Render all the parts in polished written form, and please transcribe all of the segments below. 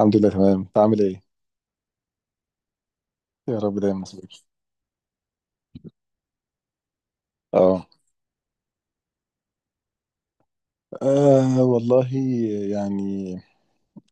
الحمد لله، تمام. انت عامل ايه؟ يا رب دايما، صديقي. اه، والله، يعني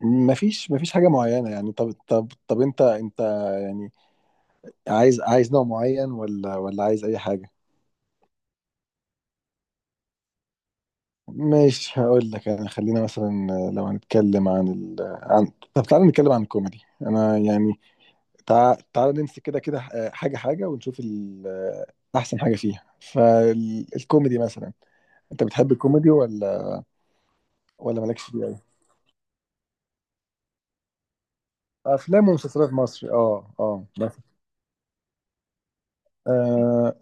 مفيش حاجه معينه. يعني طب انت يعني عايز نوع معين، ولا عايز اي حاجه؟ مش هقول لك انا، خلينا مثلا لو هنتكلم عن عن، طب تعالى نتكلم عن الكوميدي. انا يعني تعالى نمسك كده كده، حاجه ونشوف احسن حاجه فيها فالكوميدي مثلا. انت بتحب الكوميدي ولا مالكش فيه أوي؟ افلام ومسلسلات مصري اه اه، بس. آه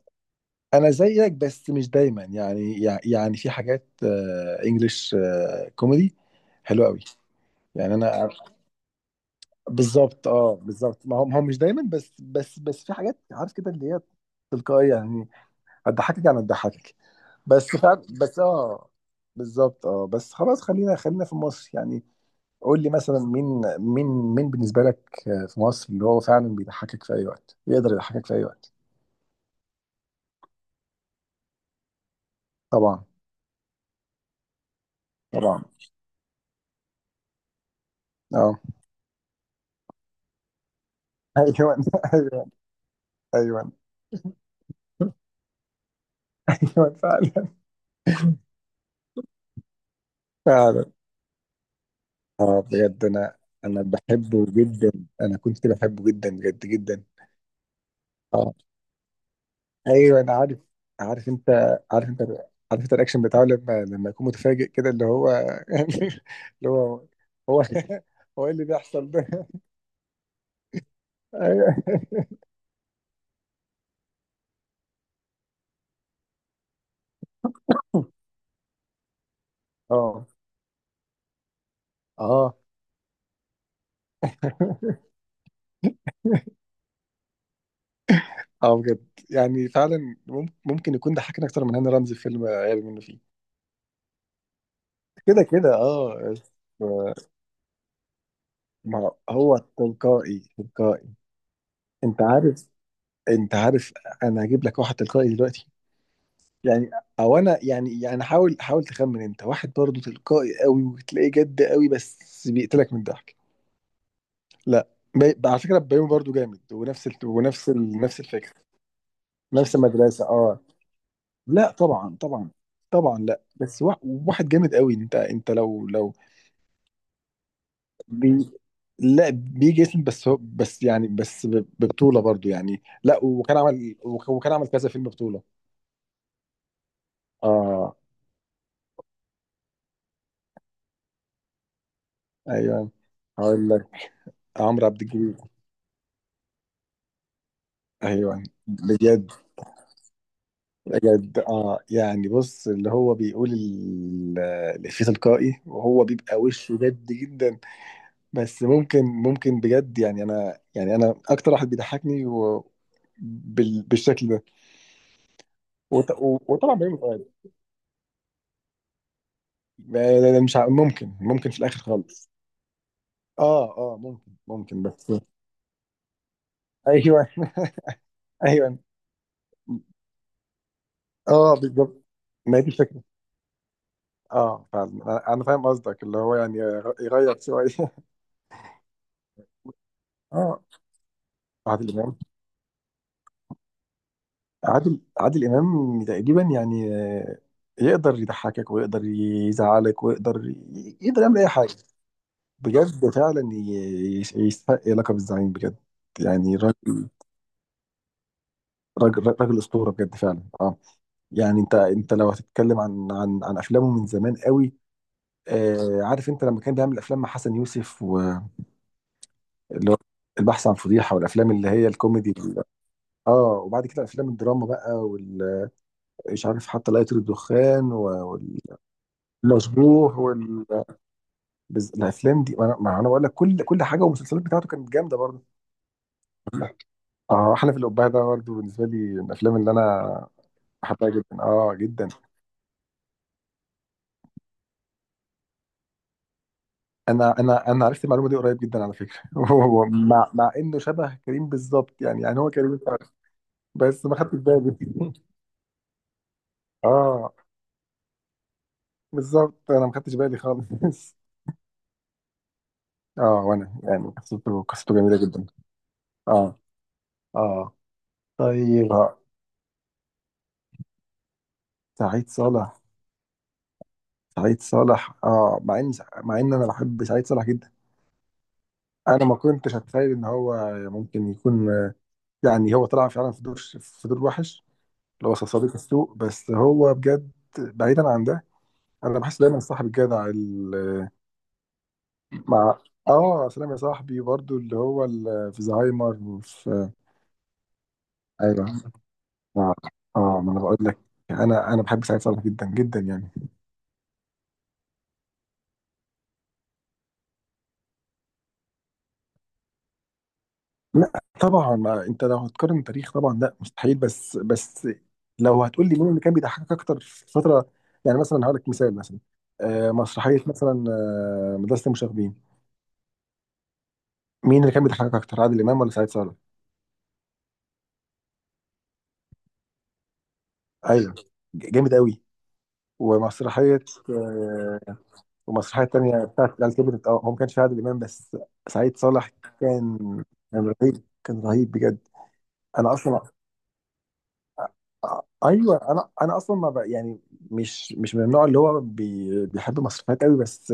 انا زيك، بس مش دايما يعني، يعني في حاجات، انجلش، كوميدي حلوه قوي. يعني انا بالظبط، اه بالظبط. ما هو ما هو مش دايما، بس في حاجات، عارف كده، اللي هي تلقائيه يعني. هتضحكك، يعني هتضحكك بس، فعلا بس اه. بالظبط اه. بس خلاص، خلينا في مصر يعني. قول لي مثلا، مين بالنسبه لك، في مصر اللي هو فعلا بيضحكك في اي وقت، يقدر يضحكك في اي وقت. طبعا طبعا، اه ايوه ايوه ايوه. ايوه فعلا. فعلا اه بجد. انا بحبه جدا. انا كنت بحبه جدا بجد، جدا. اه ايوه انا عارف. عارف انت عارف انت عارف انت الرياكشن بتاعه لما يكون متفاجئ كده، اللي هو اللي هو. هو هو، ايه اللي بيحصل ده؟ ايوه اه اه. اه بجد، يعني فعلا، ممكن يكون ضحكنا اكتر من هاني رمزي في فيلم غبي منه فيه. كده كده اه. ف- ما هو تلقائي تلقائي. انت عارف انت عارف انا هجيب لك واحد تلقائي دلوقتي. يعني او انا يعني يعني، حاول تخمن. انت واحد برضه تلقائي قوي، وتلاقيه جد قوي بس بيقتلك من الضحك. لا. على فكره بيومي برضه جامد، ونفس نفس الفكره. نفس المدرسه اه. لا طبعا، طبعا طبعا. لا بس واحد جامد قوي. انت لو بي... لا بيجي اسم بس. هو بس يعني بس ببطولة برضو يعني. لا، وكان عمل وكان عمل كذا فيلم بطولة. اه ايوه هقول لك، عمرو عبد الجليل. ايوه بجد. بجد اه، يعني بص اللي هو بيقول الإفيه تلقائي، وهو بيبقى وشه جد جدا. بس ممكن بجد يعني، انا يعني انا اكتر واحد بيضحكني، و... بالشكل ده. وط... وطبعا بيومي فؤاد. مش ممكن في الاخر خالص. اه اه ممكن بس. ايوه ايوه اه بالظبط. ما هي دي الفكره. اه فعلا انا، أنا فاهم قصدك، اللي هو يعني يغير شويه اه عادل امام. عادل امام تقريبا يعني، يقدر يضحكك، ويقدر يزعلك، ويقدر يقدر يعمل اي حاجه. بجد فعلا يستحق لقب الزعيم بجد، يعني راجل، راجل اسطوره بجد فعلا اه. يعني انت لو هتتكلم عن عن افلامه من زمان قوي، آه عارف انت لما كان بيعمل افلام مع حسن يوسف، واللي هو البحث عن فضيحه، والافلام اللي هي الكوميدي اه، وبعد كده افلام الدراما بقى، وال... مش عارف حتى، لا يطير الدخان، والمشبوه، والافلام دي انا، ما انا بقول لك، كل كل حاجه. والمسلسلات بتاعته كانت جامده برضه. اه احلف القبعه ده برضه بالنسبه لي من الافلام اللي انا بحبها جدا اه، جدا. انا انا عرفت المعلومه دي قريب جدا على فكره هو مع، مع انه شبه كريم بالظبط يعني، يعني هو كريم فعلا. بس ما خدتش بالي اه بالظبط، انا ما خدتش بالي خالص اه وانا يعني قصته، قصته جميله جدا. اه اه طيب، سعيد صالح. اه مع ان، انا بحب سعيد صالح جدا. انا ما كنتش اتخيل ان هو ممكن يكون، يعني هو طلع فعلا في دور، في دور وحش، اللي هو صديق السوء. بس هو بجد، بعيدا عن ده، انا بحس دايما صاحب الجدع مع اه سلام يا صاحبي برضو، اللي هو في زهايمر وفي. ايوه اه اه. ما انا بقول لك، انا بحب سعيد صالح جدا جدا يعني. لا طبعا، ما انت لو هتقارن تاريخ طبعا، لا مستحيل بس بس، لو هتقول لي مين اللي كان بيضحكك اكتر في فتره، يعني مثلا، هقول لك مثال مثلا، آه مسرحيه مثلا، آه مدرسه المشاغبين، مين اللي كان بيضحكك اكتر، عادل امام ولا سعيد صالح؟ ايوه جامد قوي. ومسرحيه، آه ومسرحيه تانيه بتاعت العيال كبرت، اه هو ما كانش فيها عادل امام بس. سعيد صالح كان، كان رهيب، كان رهيب بجد. انا اصلا، ايوه انا انا اصلا ما بق- يعني، مش من النوع اللي هو بي بيحب مسرحيات قوي، بس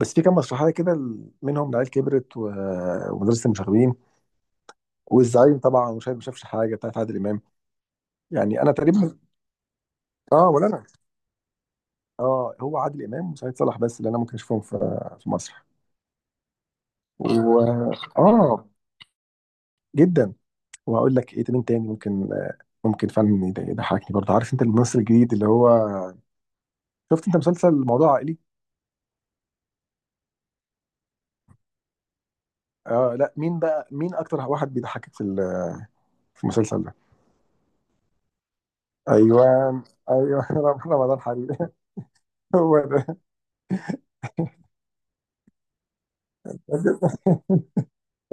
بس في كام مسرحيه كده، منهم العيال كبرت، و- ومدرسه المشاغبين، والزعيم طبعا، وشايف ما شافش حاجه بتاعت عادل امام. يعني انا تقريبا، اه ولا انا. اه هو عادل امام وسعيد صالح بس اللي انا ممكن اشوفهم في، في مصر. و اه جدا. وهقول لك ايه تاني، تاني ممكن، ممكن فعلا يضحكني برضه. عارف انت الممثل الجديد اللي هو، شفت انت مسلسل موضوع عائلي؟ اه لا مين بقى، مين اكتر واحد بيضحكك في في المسلسل ده؟ ايوه ايوه رمضان حبيبي هو ده.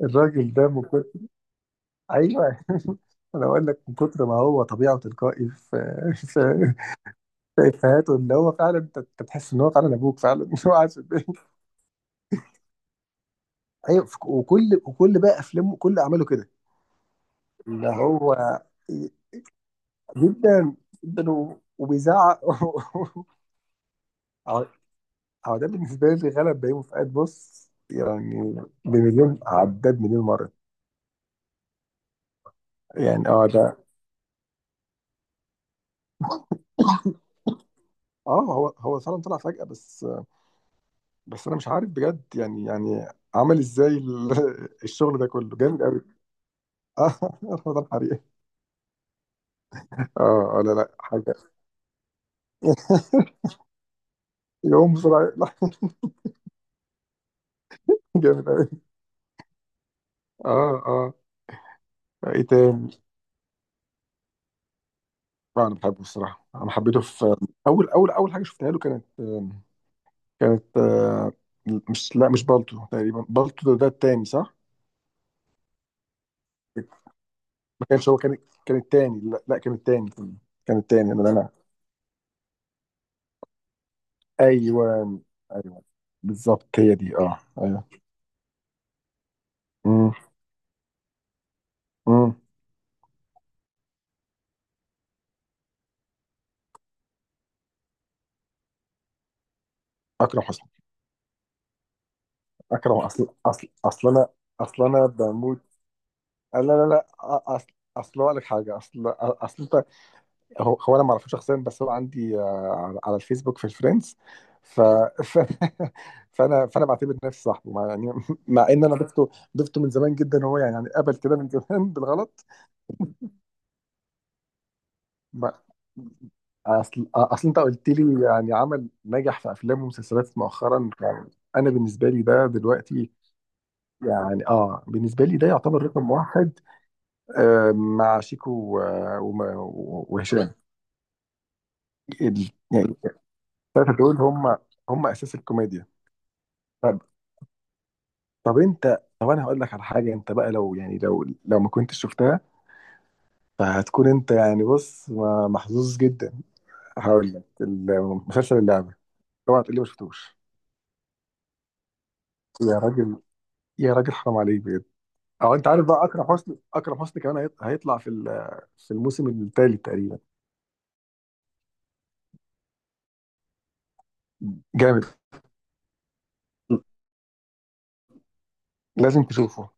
الراجل ده من كتر. ايوه انا بقول لك، من كتر ما هو طبيعه وتلقائي في، في، في افهاته، اللي هو فعلا انت، أنت تحس ان هو فعلا ابوك فعلا مش هو قاعد في البيت. ايوه وكل بقى افلامه، كل اعماله كده، اللي هو جدا، جدا وبيزعق على. هو ده بالنسبة لي غلب بيومي فؤاد بص يعني، بمليون عداد، مليون مرة، يعني اه ده. اه هو، هو فعلا طلع فجأة، بس بس انا مش عارف بجد يعني يعني، عمل ازاي الشغل ده كله جامد قوي. اه رمضان حريقي. اه لا لا حاجة يقوم بسرعة، لا جامد قوي اه اه. ايه تاني؟ انا بحبه الصراحة. انا حبيته في اول، اول حاجة شفتها له، كانت كانت مش، لا مش بالطو تقريبا، بالطو ده، ده التاني صح؟ كانش هو كان، كان التاني. لا، لا كان التاني. كان التاني انا انا. ايوه ايوه بالظبط، هي دي اه ايوه. امم امم. اكرم حسني. اكرم، اصل انا، اصل انا بموت، لا لا لا. اصل، اصل اقول لك حاجه، اصل انت. هو، هو انا ما اعرفوش شخصيا، بس هو عندي على، على الفيسبوك في الفريندز. ف... ف... فانا، فانا بعتبر نفسي صاحبه، مع يعني، مع ان انا ضفته، ضفته من زمان جدا، هو يعني يعني قبل كده من زمان بالغلط. ما، اصل انت قلت لي يعني، عمل نجح في افلام ومسلسلات مؤخرا يعني. انا بالنسبه لي ده دلوقتي يعني، اه بالنسبه لي ده يعتبر رقم واحد. آه مع شيكو وهشام. يعني الثلاثه دول هم، هم اساس الكوميديا. طب، طب انت طب انا هقول لك على حاجه. انت بقى لو يعني لو، لو ما كنتش شفتها، فهتكون انت يعني بص محظوظ جدا. هقول لك المسلسل، اللعبه. اوعى تقول لي ما شفتوش. يا راجل، يا راجل حرام عليك بجد. او انت عارف بقى اكرم حسني، اكرم حسني كمان هيطلع في في الموسم الثالث تقريبا. جامد. لازم تشوفه.